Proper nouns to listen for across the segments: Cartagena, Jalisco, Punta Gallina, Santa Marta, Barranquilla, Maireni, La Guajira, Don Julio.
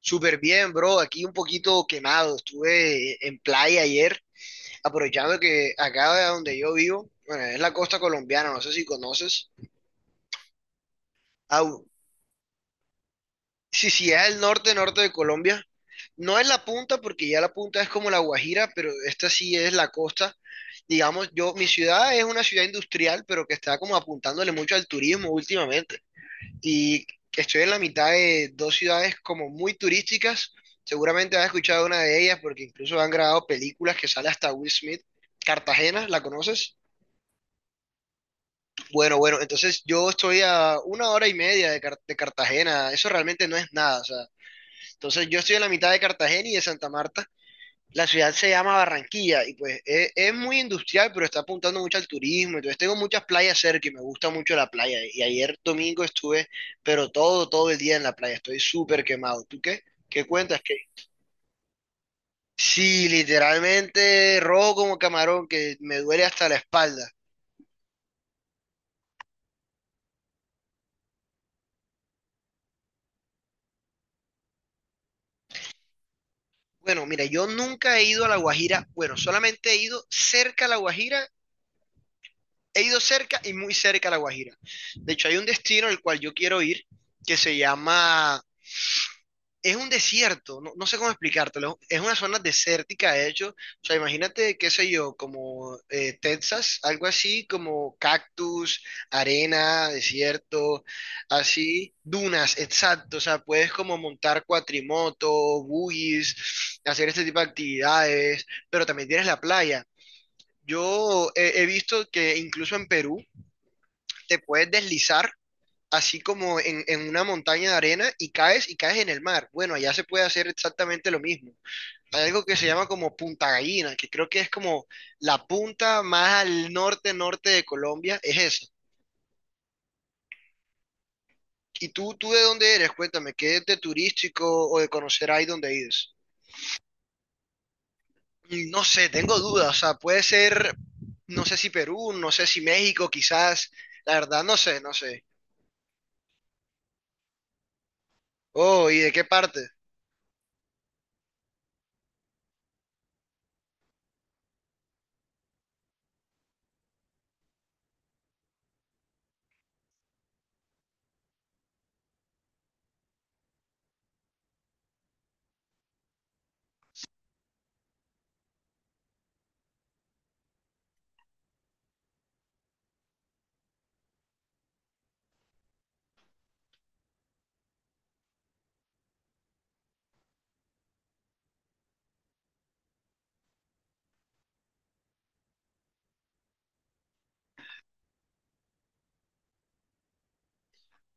Súper bien, bro. Aquí un poquito quemado. Estuve en playa ayer, aprovechando que acá de donde yo vivo, bueno, es la costa colombiana, no sé si conoces. Au. Sí, sí, es el norte, norte de Colombia. No es la punta, porque ya la punta es como la Guajira, pero esta sí es la costa. Digamos, yo, mi ciudad es una ciudad industrial, pero que está como apuntándole mucho al turismo últimamente. Y estoy en la mitad de dos ciudades como muy turísticas. Seguramente has escuchado una de ellas porque incluso han grabado películas que sale hasta Will Smith. Cartagena, ¿la conoces? Bueno, bueno, entonces yo estoy a una hora y media de, de Cartagena, eso realmente no es nada, o sea, entonces yo estoy en la mitad de Cartagena y de Santa Marta. La ciudad se llama Barranquilla y pues es muy industrial, pero está apuntando mucho al turismo. Entonces tengo muchas playas cerca y me gusta mucho la playa. Y ayer domingo estuve, pero todo, todo el día en la playa. Estoy súper quemado. ¿Tú qué? ¿Qué cuentas? ¿Qué? Sí, literalmente rojo como camarón, que me duele hasta la espalda. Bueno, mira, yo nunca he ido a La Guajira. Bueno, solamente he ido cerca a La Guajira. He ido cerca y muy cerca a La Guajira. De hecho, hay un destino al cual yo quiero ir que se llama, es un desierto, no, no sé cómo explicártelo, es una zona desértica, de hecho, o sea, imagínate, qué sé yo, como Texas, algo así, como cactus, arena, desierto, así, dunas, exacto, o sea, puedes como montar cuatrimoto, buggies, hacer este tipo de actividades, pero también tienes la playa. Yo he visto que incluso en Perú te puedes deslizar así como en una montaña de arena y caes en el mar. Bueno, allá se puede hacer exactamente lo mismo. Hay algo que se llama como Punta Gallina, que creo que es como la punta más al norte, norte de Colombia, es eso. ¿Y tú de dónde eres? Cuéntame, ¿qué de turístico o de conocer ahí donde ides? Mm, no sé, tengo dudas, o sea, puede ser, no sé si Perú, no sé si México, quizás, la verdad no sé, no sé. Oh, ¿y de qué parte?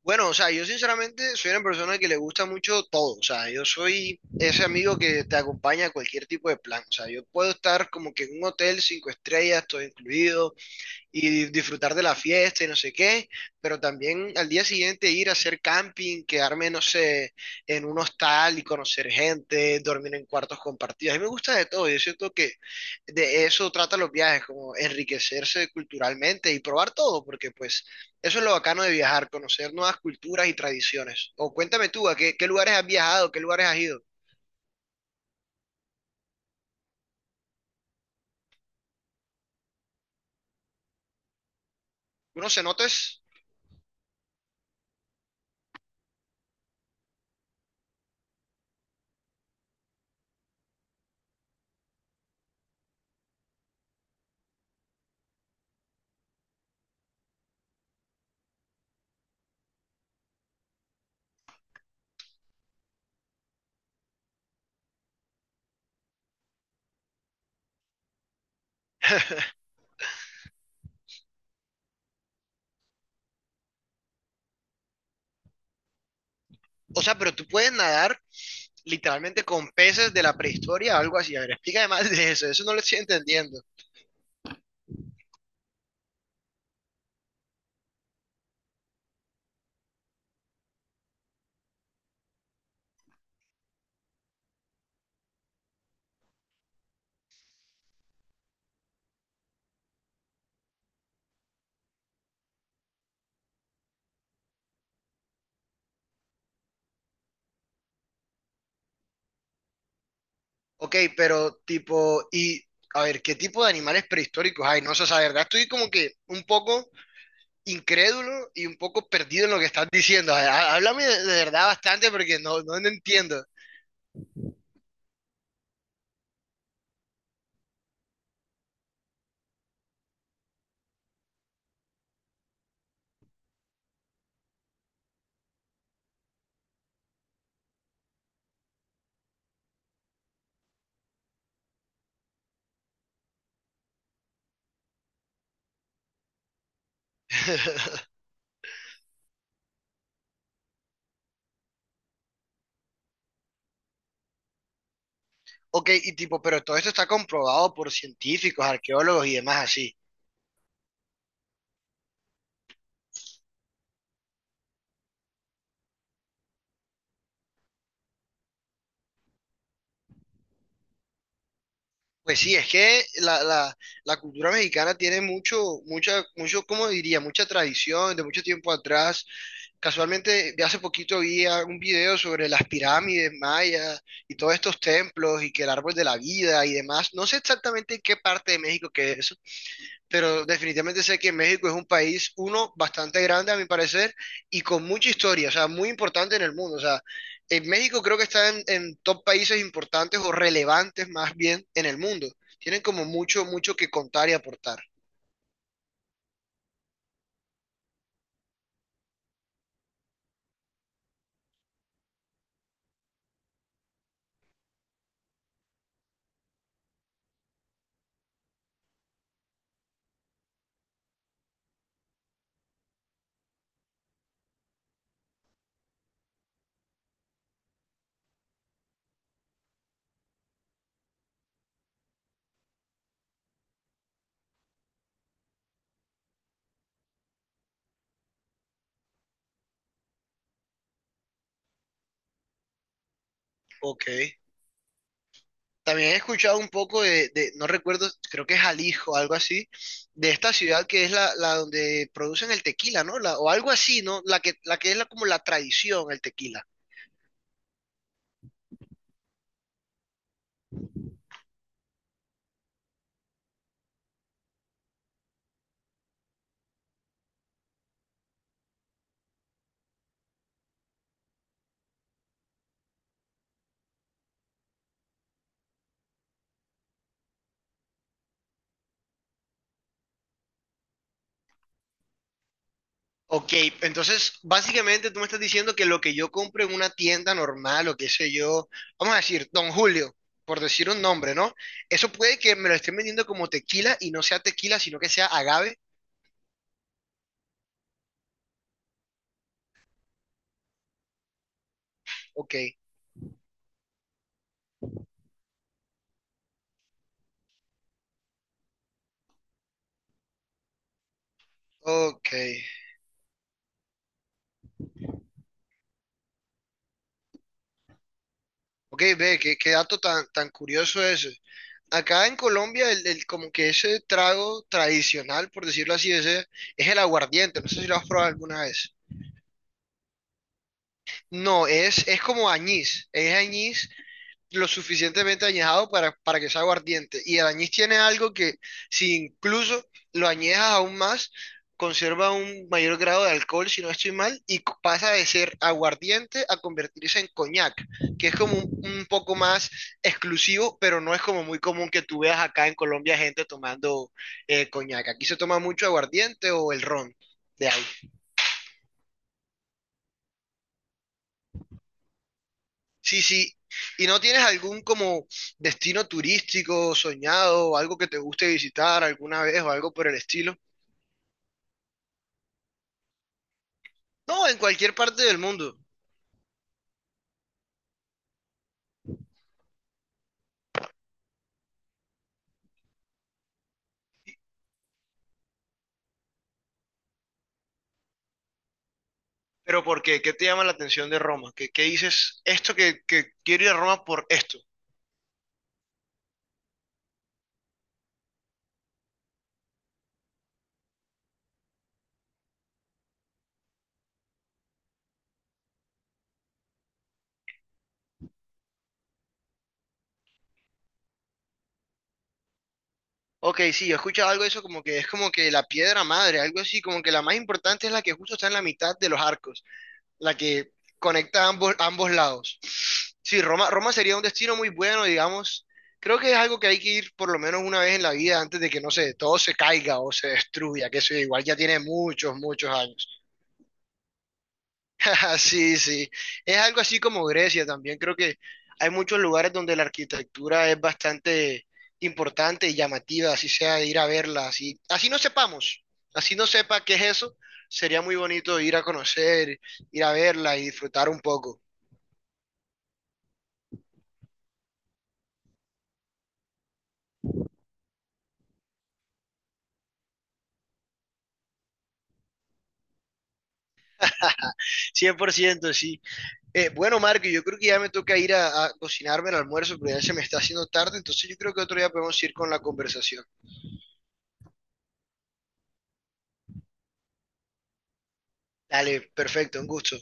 Bueno, o sea, yo sinceramente soy una persona que le gusta mucho todo, o sea, yo soy ese amigo que te acompaña a cualquier tipo de plan, o sea, yo puedo estar como que en un hotel 5 estrellas, todo incluido, y disfrutar de la fiesta y no sé qué, pero también al día siguiente ir a hacer camping, quedarme, no sé, en un hostal y conocer gente, dormir en cuartos compartidos. A mí me gusta de todo, yo siento que de eso trata los viajes, como enriquecerse culturalmente y probar todo, porque pues eso es lo bacano de viajar, conocer nuevas culturas y tradiciones. O cuéntame tú, ¿a qué, qué lugares has viajado, qué lugares has ido? Uno se nota es. O sea, pero tú puedes nadar literalmente con peces de la prehistoria, algo así. A ver, explícame más de eso, eso no lo estoy entendiendo. Ok, pero tipo, y a ver, ¿qué tipo de animales prehistóricos hay? No sé, o sea, la verdad estoy como que un poco incrédulo y un poco perdido en lo que estás diciendo. A ver, háblame de verdad bastante porque no, no, no entiendo. Ok, y tipo, pero todo esto está comprobado por científicos, arqueólogos y demás así. Pues sí, es que la cultura mexicana tiene mucho, mucha, mucho, ¿cómo diría? Mucha tradición de mucho tiempo atrás. Casualmente, de hace poquito vi un video sobre las pirámides mayas y todos estos templos y que el árbol de la vida y demás. No sé exactamente en qué parte de México que es eso, pero definitivamente sé que México es un país, uno, bastante grande a mi parecer y con mucha historia, o sea, muy importante en el mundo. O sea, en México creo que está en, top países importantes o relevantes más bien en el mundo. Tienen como mucho, mucho que contar y aportar. Ok. También he escuchado un poco no recuerdo, creo que es Jalisco, algo así, de esta ciudad que es la, donde producen el tequila, ¿no? O algo así, ¿no? La que es como la tradición, el tequila. Ok, entonces básicamente tú me estás diciendo que lo que yo compro en una tienda normal o qué sé yo, vamos a decir, Don Julio, por decir un nombre, ¿no? Eso puede que me lo estén vendiendo como tequila y no sea tequila, sino que sea agave. Ok, ok. Ok, ve, qué, qué dato tan, tan curioso ese. Acá en Colombia, el, como que ese trago tradicional, por decirlo así, ese, es el aguardiente. No sé si lo has probado alguna vez. No, es, como añís. Es añís lo suficientemente añejado para que sea aguardiente. Y el añís tiene algo que, si incluso lo añejas aún más, conserva un mayor grado de alcohol, si no estoy mal, y pasa de ser aguardiente a convertirse en coñac, que es como un poco más exclusivo, pero no es como muy común que tú veas acá en Colombia gente tomando coñac. Aquí se toma mucho aguardiente o el ron de ahí. Sí, sí. ¿Y no tienes algún como destino turístico soñado, algo que te guste visitar alguna vez o algo por el estilo? No, en cualquier parte del mundo. ¿Pero por qué? ¿Qué te llama la atención de Roma? ¿Qué, qué dices esto que quiero ir a Roma por esto? Ok, sí, yo he escuchado algo de eso como que es como que la piedra madre, algo así, como que la más importante es la que justo está en la mitad de los arcos, la que conecta ambos, ambos lados. Sí, Roma, Roma sería un destino muy bueno, digamos. Creo que es algo que hay que ir por lo menos una vez en la vida antes de que, no sé, todo se caiga o se destruya, que eso igual ya tiene muchos, muchos años. Sí, sí. Es algo así como Grecia también. Creo que hay muchos lugares donde la arquitectura es bastante importante y llamativa, así sea de ir a verla, así, así no sepamos, así no sepa qué es eso, sería muy bonito ir a conocer, ir a verla y disfrutar un poco. 100% sí. Bueno, Marco, yo creo que ya me toca ir a cocinarme el almuerzo, pero ya se me está haciendo tarde, entonces yo creo que otro día podemos ir con la conversación. Dale, perfecto, un gusto.